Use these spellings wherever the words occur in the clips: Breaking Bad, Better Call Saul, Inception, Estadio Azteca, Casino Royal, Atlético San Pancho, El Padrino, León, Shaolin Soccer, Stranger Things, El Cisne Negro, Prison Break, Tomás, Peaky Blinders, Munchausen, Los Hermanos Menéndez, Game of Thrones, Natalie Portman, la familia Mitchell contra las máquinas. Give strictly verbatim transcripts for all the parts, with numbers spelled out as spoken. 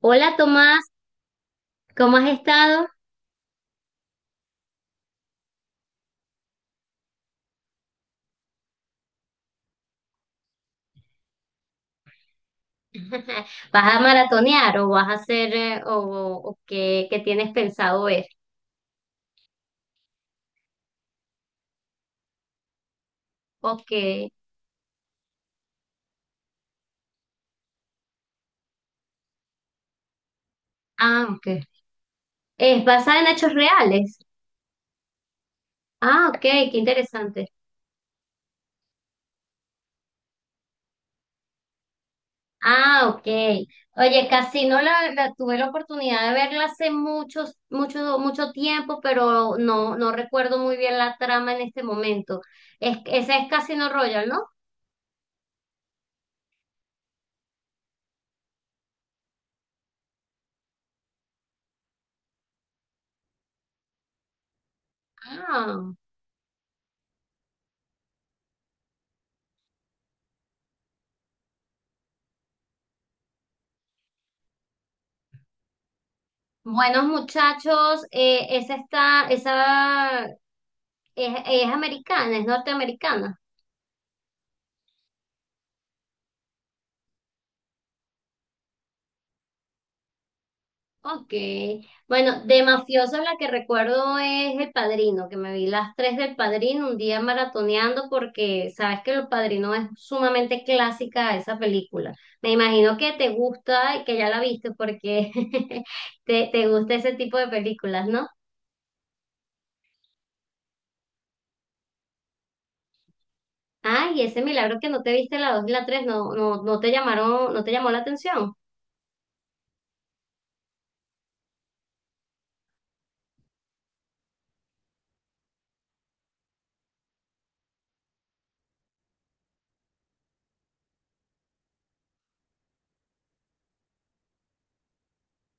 Hola, Tomás, ¿cómo has estado? ¿Vas a maratonear o vas a hacer eh, o, o qué, qué tienes pensado ver? Ok. Ah, ok. Es basada en hechos reales. Ah, ok, qué interesante. Ah, ok. Oye, Casino la, la- tuve la oportunidad de verla hace muchos, mucho, mucho tiempo, pero no, no recuerdo muy bien la trama en este momento. Es, esa es Casino Royal, ¿no? Ah. Buenos muchachos, eh, esa está, esa es, es americana, es norteamericana. Ok. Bueno, de mafiosos la que recuerdo es El Padrino, que me vi las tres del Padrino un día maratoneando porque sabes que El Padrino es sumamente clásica esa película. Me imagino que te gusta y que ya la viste porque te, te gusta ese tipo de películas, ¿no? Ay, ese milagro que no te viste la dos y la tres, no, no, no te llamaron, no te llamó la atención.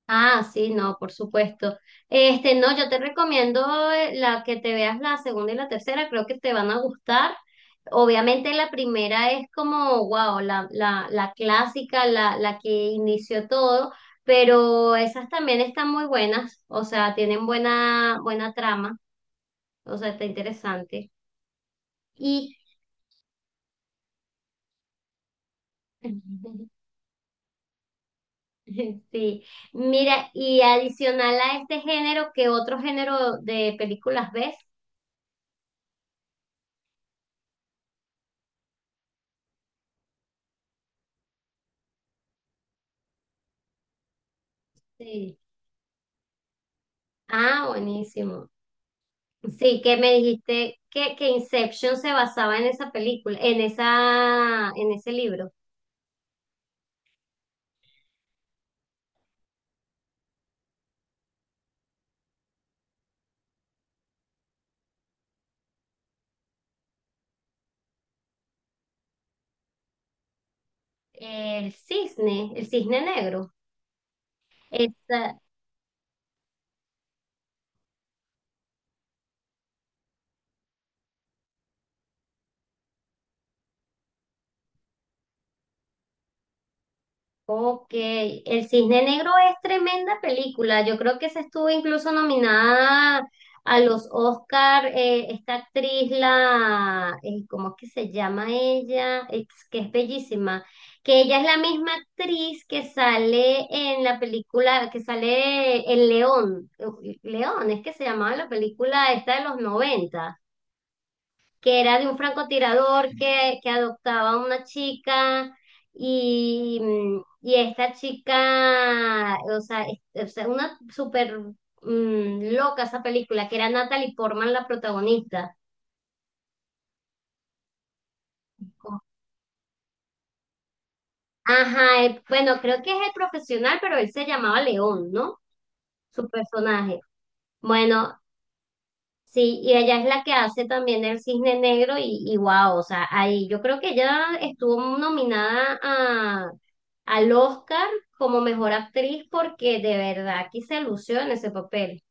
Ah, sí, no, por supuesto. Este, no, yo te recomiendo eh, la que te veas la segunda y la tercera, creo que te van a gustar. Obviamente la primera es como, wow, la, la, la clásica, la, la que inició todo, pero esas también están muy buenas, o sea, tienen buena, buena trama, o sea, está interesante. Y sí, mira, y adicional a este género, ¿qué otro género de películas ves? Sí. Ah, buenísimo. Sí, que me dijiste que, que Inception se basaba en esa película, en esa, en ese libro. El cisne, el cisne Negro. Esa- Ok, El Cisne Negro es tremenda película. Yo creo que se estuvo incluso nominada a los Oscar, eh, esta actriz, la, eh, ¿cómo es que se llama ella? Es que es bellísima. Que ella es la misma actriz que sale en la película, que sale El León. Uf, León, es que se llamaba la película esta de los noventa que era de un francotirador que, que adoptaba a una chica y, mm, y esta chica, o sea, es- o sea, una súper mm, loca esa película, que era Natalie Portman la protagonista. Ajá, eh, bueno, creo que es el profesional, pero él se llamaba León, ¿no? Su personaje. Bueno, sí, y ella es la que hace también el Cisne Negro y, y wow, o sea, ahí yo creo que ella estuvo nominada a, al Oscar como mejor actriz porque de verdad que se lució en ese papel.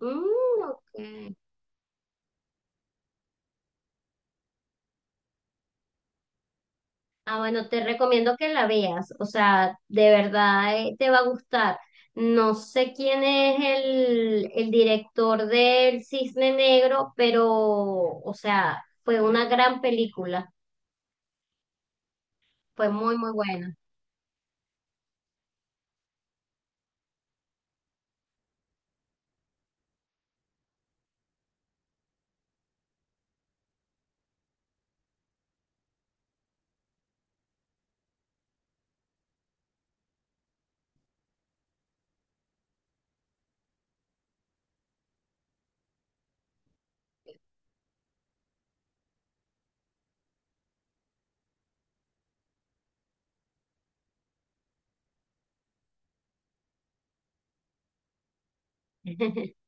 Mm, ok. Ah, bueno, te recomiendo que la veas, o sea, de verdad eh, te va a gustar. No sé quién es el, el director del Cisne Negro, pero, o sea, fue una gran película, fue muy, muy buena.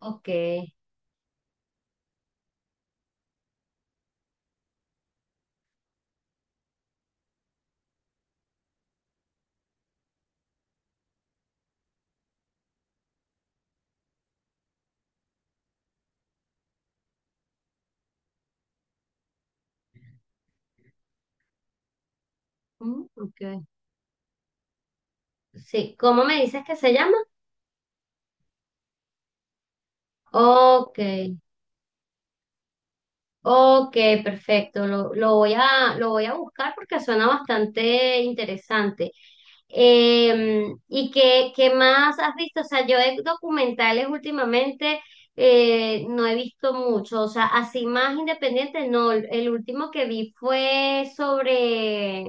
Ok. Mm, ok. Sí, ¿cómo me dices que se llama? Ok, ok, perfecto. Lo, lo voy a, lo voy a buscar porque suena bastante interesante. Eh, ¿y qué, qué más has visto? O sea, yo de documentales últimamente eh, no he visto mucho. O sea, así más independiente, no. El último que vi fue sobre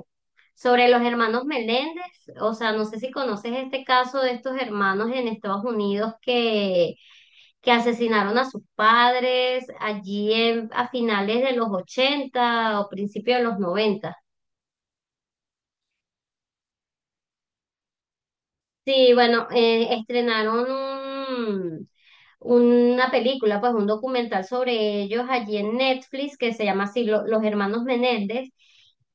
Sobre los hermanos Meléndez, o sea, no sé si conoces este caso de estos hermanos en Estados Unidos que, que asesinaron a sus padres allí en- a finales de los ochenta o principios de los noventa. Sí, bueno, eh, estrenaron un, una película, pues un documental sobre ellos allí en Netflix que se llama así Lo- Los Hermanos Menéndez,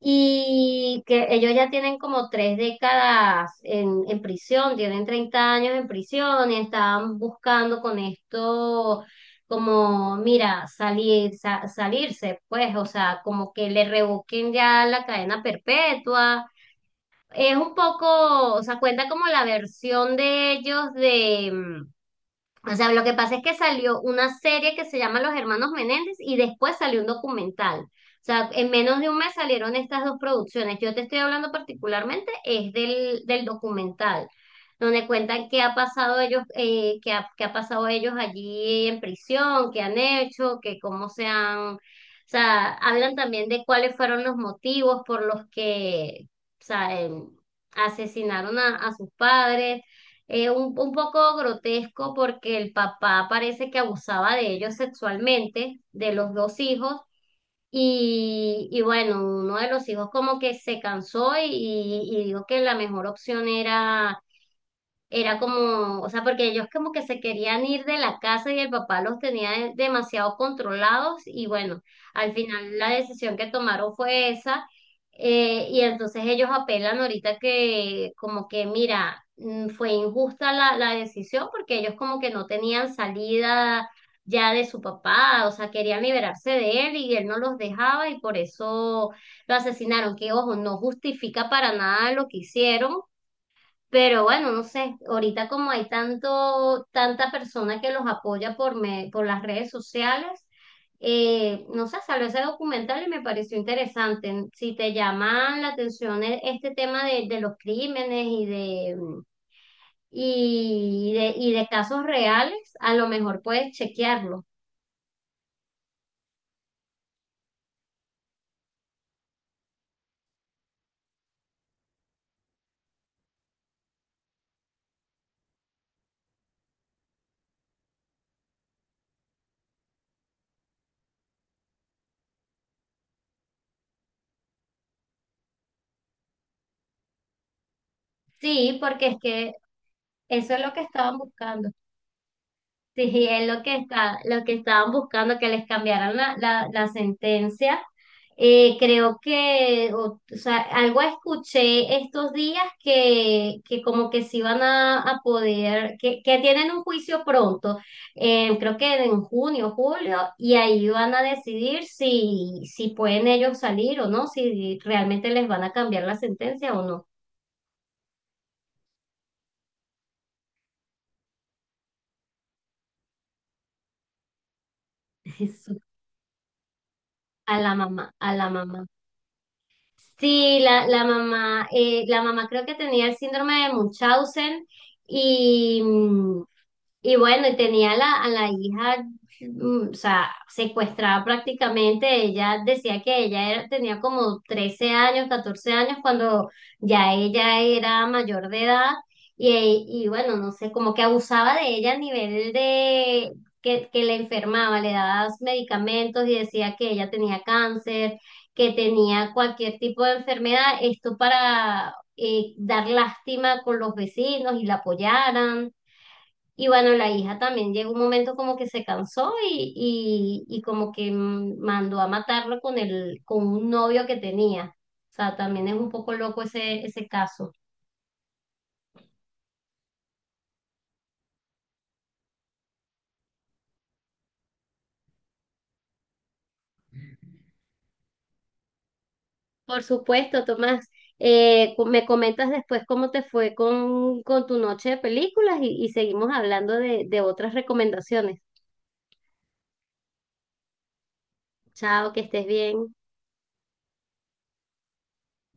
y que ellos ya tienen como tres décadas en, en prisión, tienen treinta años en prisión y estaban buscando con esto como, mira, salir, sa- salirse, pues, o sea, como que le revoquen ya la cadena perpetua. Es un poco, o sea, cuenta como la versión de ellos de, mm, o sea, lo que pasa es que salió una serie que se llama Los Hermanos Menéndez y después salió un documental. O sea, en menos de un mes salieron estas dos producciones. Yo te estoy hablando particularmente es del, del documental, donde cuentan qué ha pasado ellos, eh, qué ha, qué ha pasado ellos allí en prisión, qué han hecho, que cómo se han, o sea, hablan también de cuáles fueron los motivos por los que, o sea, em, asesinaron a, a sus padres. Eh, un, un poco grotesco porque el papá parece que abusaba de ellos sexualmente, de los dos hijos, y, y bueno, uno de los hijos como que se cansó y, y dijo que la mejor opción era era como, o sea, porque ellos como que se querían ir de la casa y el papá los tenía de- demasiado controlados y bueno, al final la decisión que tomaron fue esa. Eh, y entonces ellos apelan ahorita que como que mira, mm, fue injusta la, la decisión porque ellos como que no tenían salida ya de su papá, o sea, querían liberarse de él y él no los dejaba y por eso lo asesinaron, que ojo, no justifica para nada lo que hicieron, pero bueno, no sé, ahorita como hay tanto, tanta persona que los apoya por, me- por las redes sociales, eh, no sé, salió ese documental y me pareció interesante. Si te llaman la atención e- este tema de, de los crímenes y de, mm, y de, y de casos reales, a lo mejor puedes chequearlo. Sí, porque es que eso es lo que estaban buscando. Sí, es lo que está, lo que estaban buscando, que les cambiaran la, la, la sentencia. Eh, creo que, o, o sea, algo escuché estos días que, que como que se van a, a poder, que, que tienen un juicio pronto, eh, creo que en junio, julio, y ahí van a decidir si, si pueden ellos salir o no, si realmente les van a cambiar la sentencia o no. Eso, a la mamá, a la mamá. Sí, la, la mamá, eh, la mamá creo que tenía el síndrome de Munchausen y, mm, y bueno, y tenía la, a la hija, mm, o sea, secuestrada prácticamente. Ella decía que ella era- tenía como trece años, catorce años, cuando ya ella era mayor de edad. Y, e, y bueno, no sé, como que abusaba de ella a nivel de que, que le enfermaba, le daba medicamentos y decía que ella tenía cáncer, que tenía cualquier tipo de enfermedad. Esto para eh, dar lástima con los vecinos y la apoyaran. Y bueno, la hija también llegó un momento como que se cansó y, y, y como que mm, mandó a matarlo con el, con un novio que tenía. O sea, también es un poco loco ese, ese caso. Por supuesto, Tomás, eh, co- me comentas después cómo te fue con, con tu noche de películas y, y seguimos hablando de, de otras recomendaciones. Chao, que estés bien.